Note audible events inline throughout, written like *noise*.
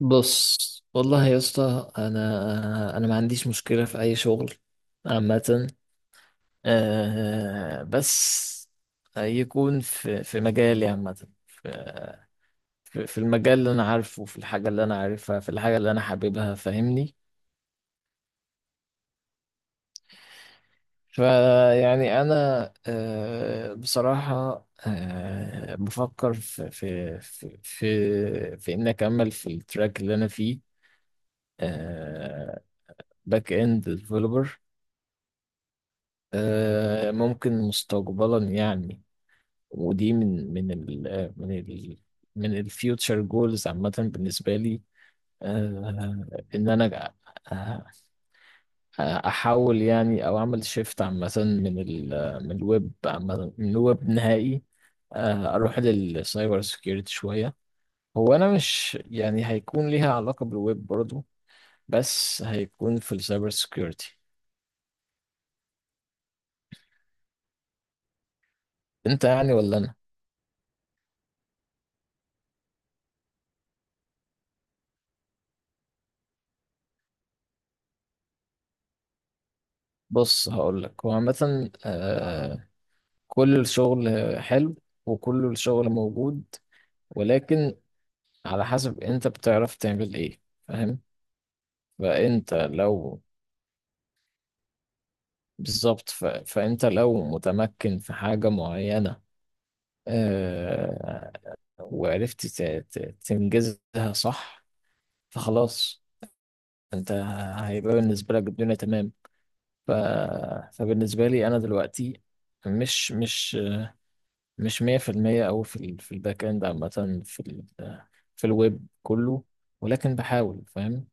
بص، والله يا اسطى. انا ما عنديش مشكله في اي شغل عامه. بس يكون في في مجالي عامه. في المجال اللي انا عارفه، في الحاجه اللي انا عارفها، في الحاجه اللي انا حاببها، فاهمني؟ فيعني انا آه، بصراحه، بفكر في ان اكمل في التراك اللي انا فيه، باك اند ديفلوبر. ممكن مستقبلا يعني. ودي من من ال آه، من ال من الفيوتشر جولز عامة بالنسبة لي. آه، إن أنا آه، أحاول يعني، أو أعمل شيفت عامة من ال آه، من الويب، عامة من الويب نهائي. أروح للسايبر سكيورتي شوية. هو أنا مش يعني هيكون ليها علاقة بالويب برضو، بس هيكون في السايبر سكيورتي. أنت يعني ولا أنا؟ بص، هقول لك. هو عامة، كل الشغل حلو، وكل الشغل موجود، ولكن على حسب انت بتعرف تعمل ايه، فاهم؟ فانت لو بالظبط. فانت لو متمكن في حاجة معينة، آه... وعرفت تنجزها صح، فخلاص، انت هيبقى بالنسبة لك الدنيا تمام. ف... فبالنسبة لي انا دلوقتي مش مش مش 100% أوي في ال في الباك إند، عامة في ال في الويب كله، ولكن بحاول، فاهم؟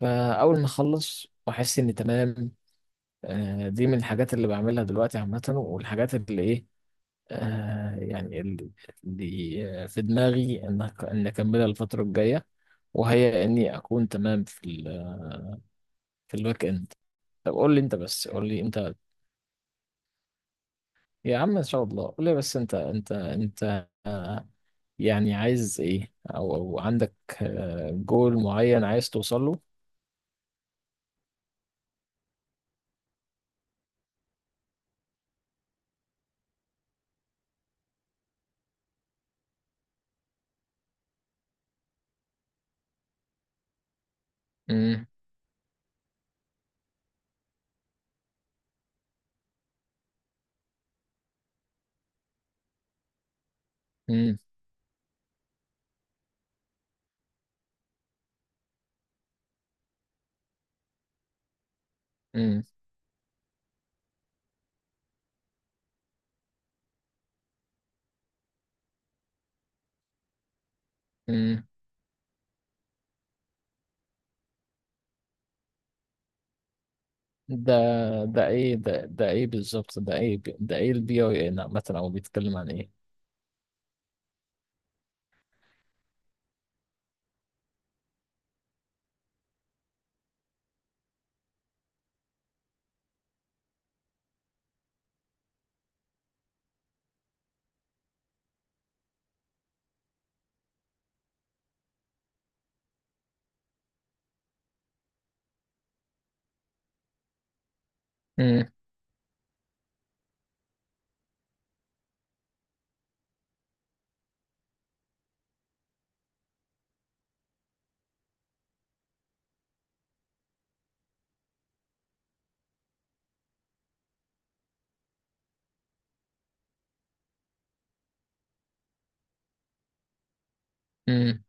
فأول ما أخلص وأحس إني تمام، دي من الحاجات اللي بعملها دلوقتي عامة. والحاجات اللي إيه، آه، يعني اللي اللي آه، في دماغي إن أكملها الفترة الجاية، وهي إني أكون تمام في ال في الباك إند. طب قول لي أنت، بس قول لي أنت يا عم، إن شاء الله. قول لي بس أنت آه، يعني عايز ايه، أو عندك جول معين عايز توصل له؟ امم، امم، امم، امم. ده ده ايه بالظبط؟ ده ايه البي اي ان عامه، او بيتكلم عن ايه؟ امم، امم.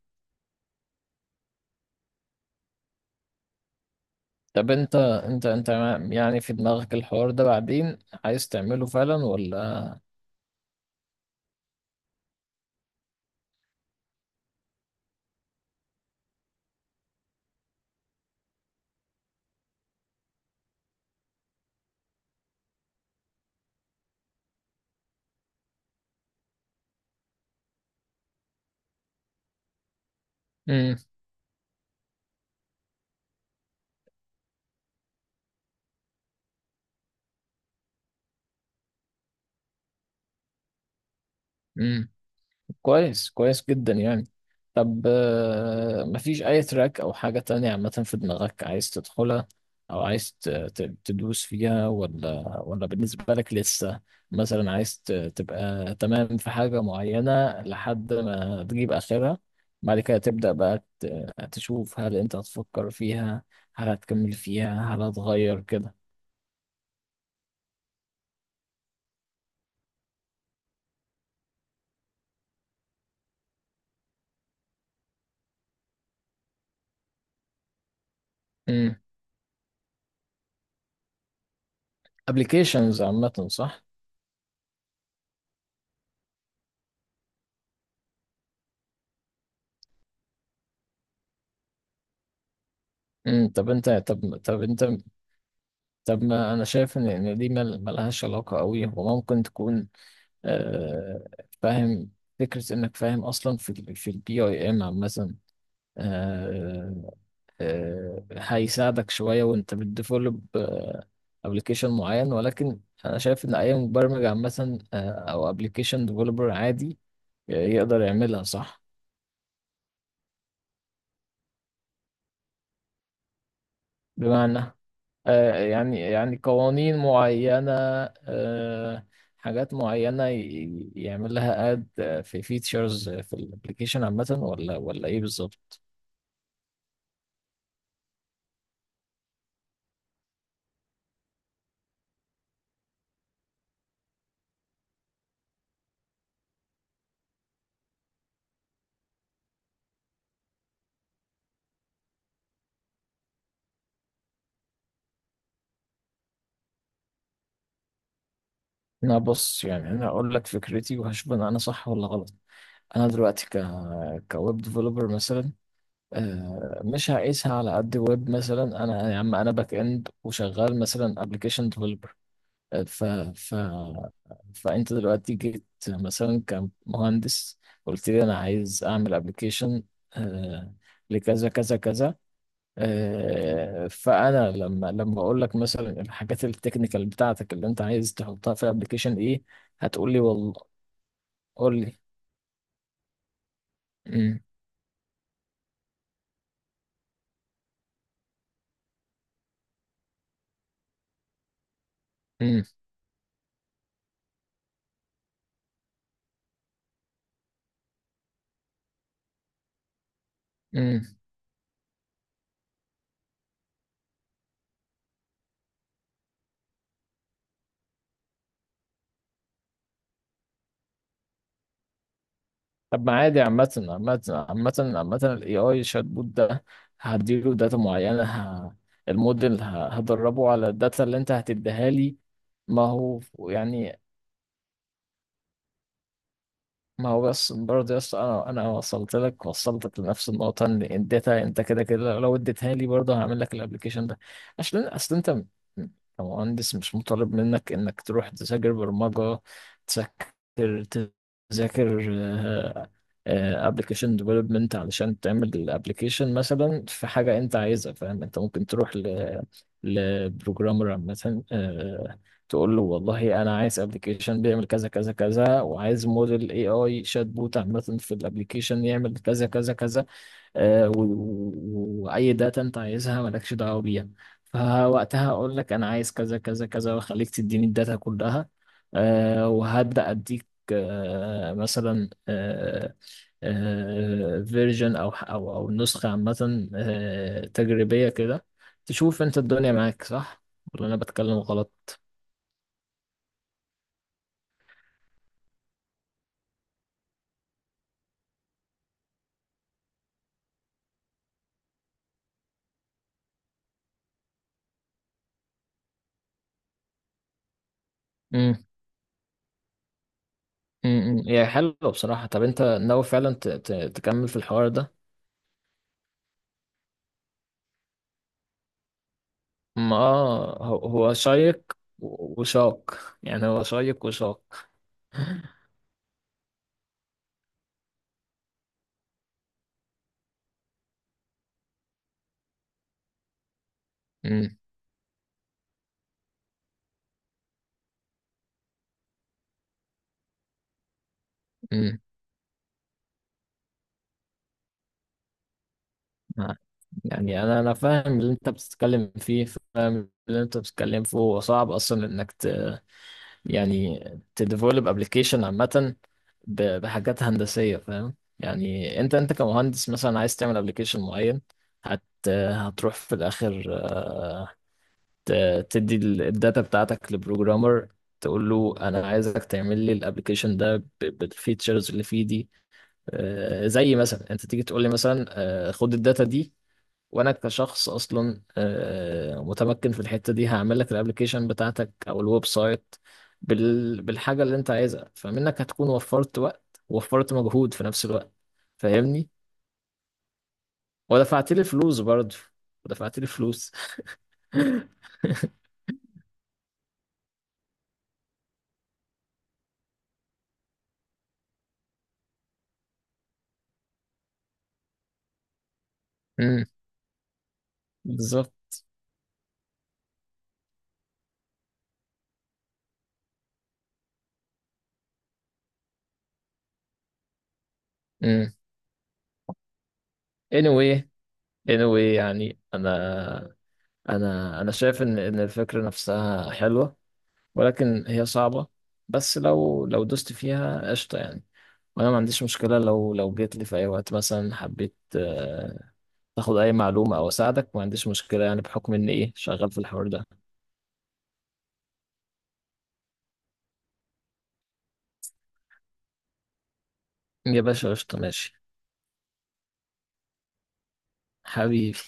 طب انت يعني في دماغك الحوار ده بعدين عايز تعمله فعلا ولا؟ امم. كويس، كويس جدا يعني. طب، مفيش أي تراك أو حاجة تانية عامة في دماغك عايز تدخلها، أو عايز تدوس فيها، ولا بالنسبة لك لسه مثلا عايز تبقى تمام في حاجة معينة لحد ما تجيب آخرها، بعد كده تبدأ بقى تشوف هل أنت هتفكر فيها، هل هتكمل فيها، هل هتغير كده؟ امم. ابلكيشنز عامة، صح؟ امم. طب أنت، طب أنت، طب ما انا شايف ان دي ملهاش علاقه قوي. هو ممكن تكون، آه، فاهم، فكره انك فاهم اصلا في ال في البي اي ام مثلا هيساعدك شويه وانت بتديفلوب ابلكيشن معين، ولكن انا شايف ان اي مبرمج عامه، او ابلكيشن ديفلوبر عادي، يقدر يعملها، صح؟ بمعنى يعني قوانين معينة، آه، حاجات معينة يعمل لها اد، في فيتشرز في الابلكيشن عامة، ولا ايه بالظبط؟ انا، بص يعني، انا هقول لك فكرتي، وهشوف ان انا صح ولا غلط. انا دلوقتي كويب ديفلوبر مثلا. مش هقيسها على قد ويب. مثلا انا يا عم، انا باك اند وشغال مثلا ابلكيشن. ف... ف... فانت دلوقتي جيت مثلا كمهندس، قلت لي انا عايز اعمل ابلكيشن لكذا كذا كذا. فانا لما اقول لك مثلا الحاجات التكنيكال بتاعتك اللي انت عايز تحطها في الابلكيشن ايه، هتقول لي والله قول لي. طب ما عادي، عامة، ال AI شات بوت ده هديله داتا معينة، الموديل هدربه على الداتا اللي انت هتديها لي. ما هو يعني، ما هو بس برضه يا اسطى، انا وصلت لك، لنفس النقطه. ان اديتها انت كده كده، لو اديتها لي برضه هعمل لك الابلكيشن ده. عشان اصل انت م- كمهندس مش مطالب منك انك تروح تذاكر برمجه، تذاكر تذاكر ابلكيشن ديفلوبمنت علشان تعمل الابلكيشن. مثلا في حاجه انت عايزها، فاهم، انت ممكن تروح لبروجرامر مثلا، تقول له والله انا عايز ابلكيشن بيعمل كذا كذا كذا، وعايز موديل اي اي شات بوت عامه في الابلكيشن يعمل كذا كذا كذا. واي داتا انت عايزها مالكش دعوه بيها، فوقتها اقول لك انا عايز كذا كذا كذا، واخليك تديني الداتا كلها. وهبدا اديك، مثلا، فيرجن او نسخه عامه، تجريبيه كده، تشوف انت الدنيا معاك صح ولا انا بتكلم غلط؟ امم. هي حلوة بصراحة. طب انت ناوي فعلا تكمل في الحوار ده؟ ما هو، شيق، وشاق يعني. هو شيق وشاق. *laughs* امم، امم، آه. يعني انا، فاهم اللي انت بتتكلم فيه، فاهم اللي انت بتتكلم فيه. هو صعب اصلا انك يعني تديفلوب ابلكيشن عامة بحاجات هندسية، فاهم يعني انت، كمهندس مثلا عايز تعمل ابلكيشن معين، هت هتروح في الاخر تدي الداتا بتاعتك لبروجرامر، تقول له انا عايزك تعمل لي الابلكيشن ده بالفيتشرز اللي فيه دي. زي مثلا انت تيجي تقول لي مثلا، خد الداتا دي، وانا كشخص اصلا متمكن في الحتة دي، هعمل لك الابلكيشن بتاعتك او الويب سايت بالحاجة اللي انت عايزها. فمنك هتكون وفرت وقت، ووفرت مجهود في نفس الوقت، فاهمني؟ ودفعت لي فلوس برضه، ودفعت لي فلوس. *laughs* امم. بالظبط. امم. Anyway، يعني انا، شايف ان الفكرة نفسها حلوة، ولكن هي صعبة. بس لو دوست فيها، قشطة يعني. وانا ما عنديش مشكلة لو جيت لي في اي وقت، مثلا حبيت تاخد اي معلومة او اساعدك. ما عنديش مشكلة يعني، بحكم اني ايه، شغال في الحوار ده. يا باشا، قشطة، ماشي، حبيبي.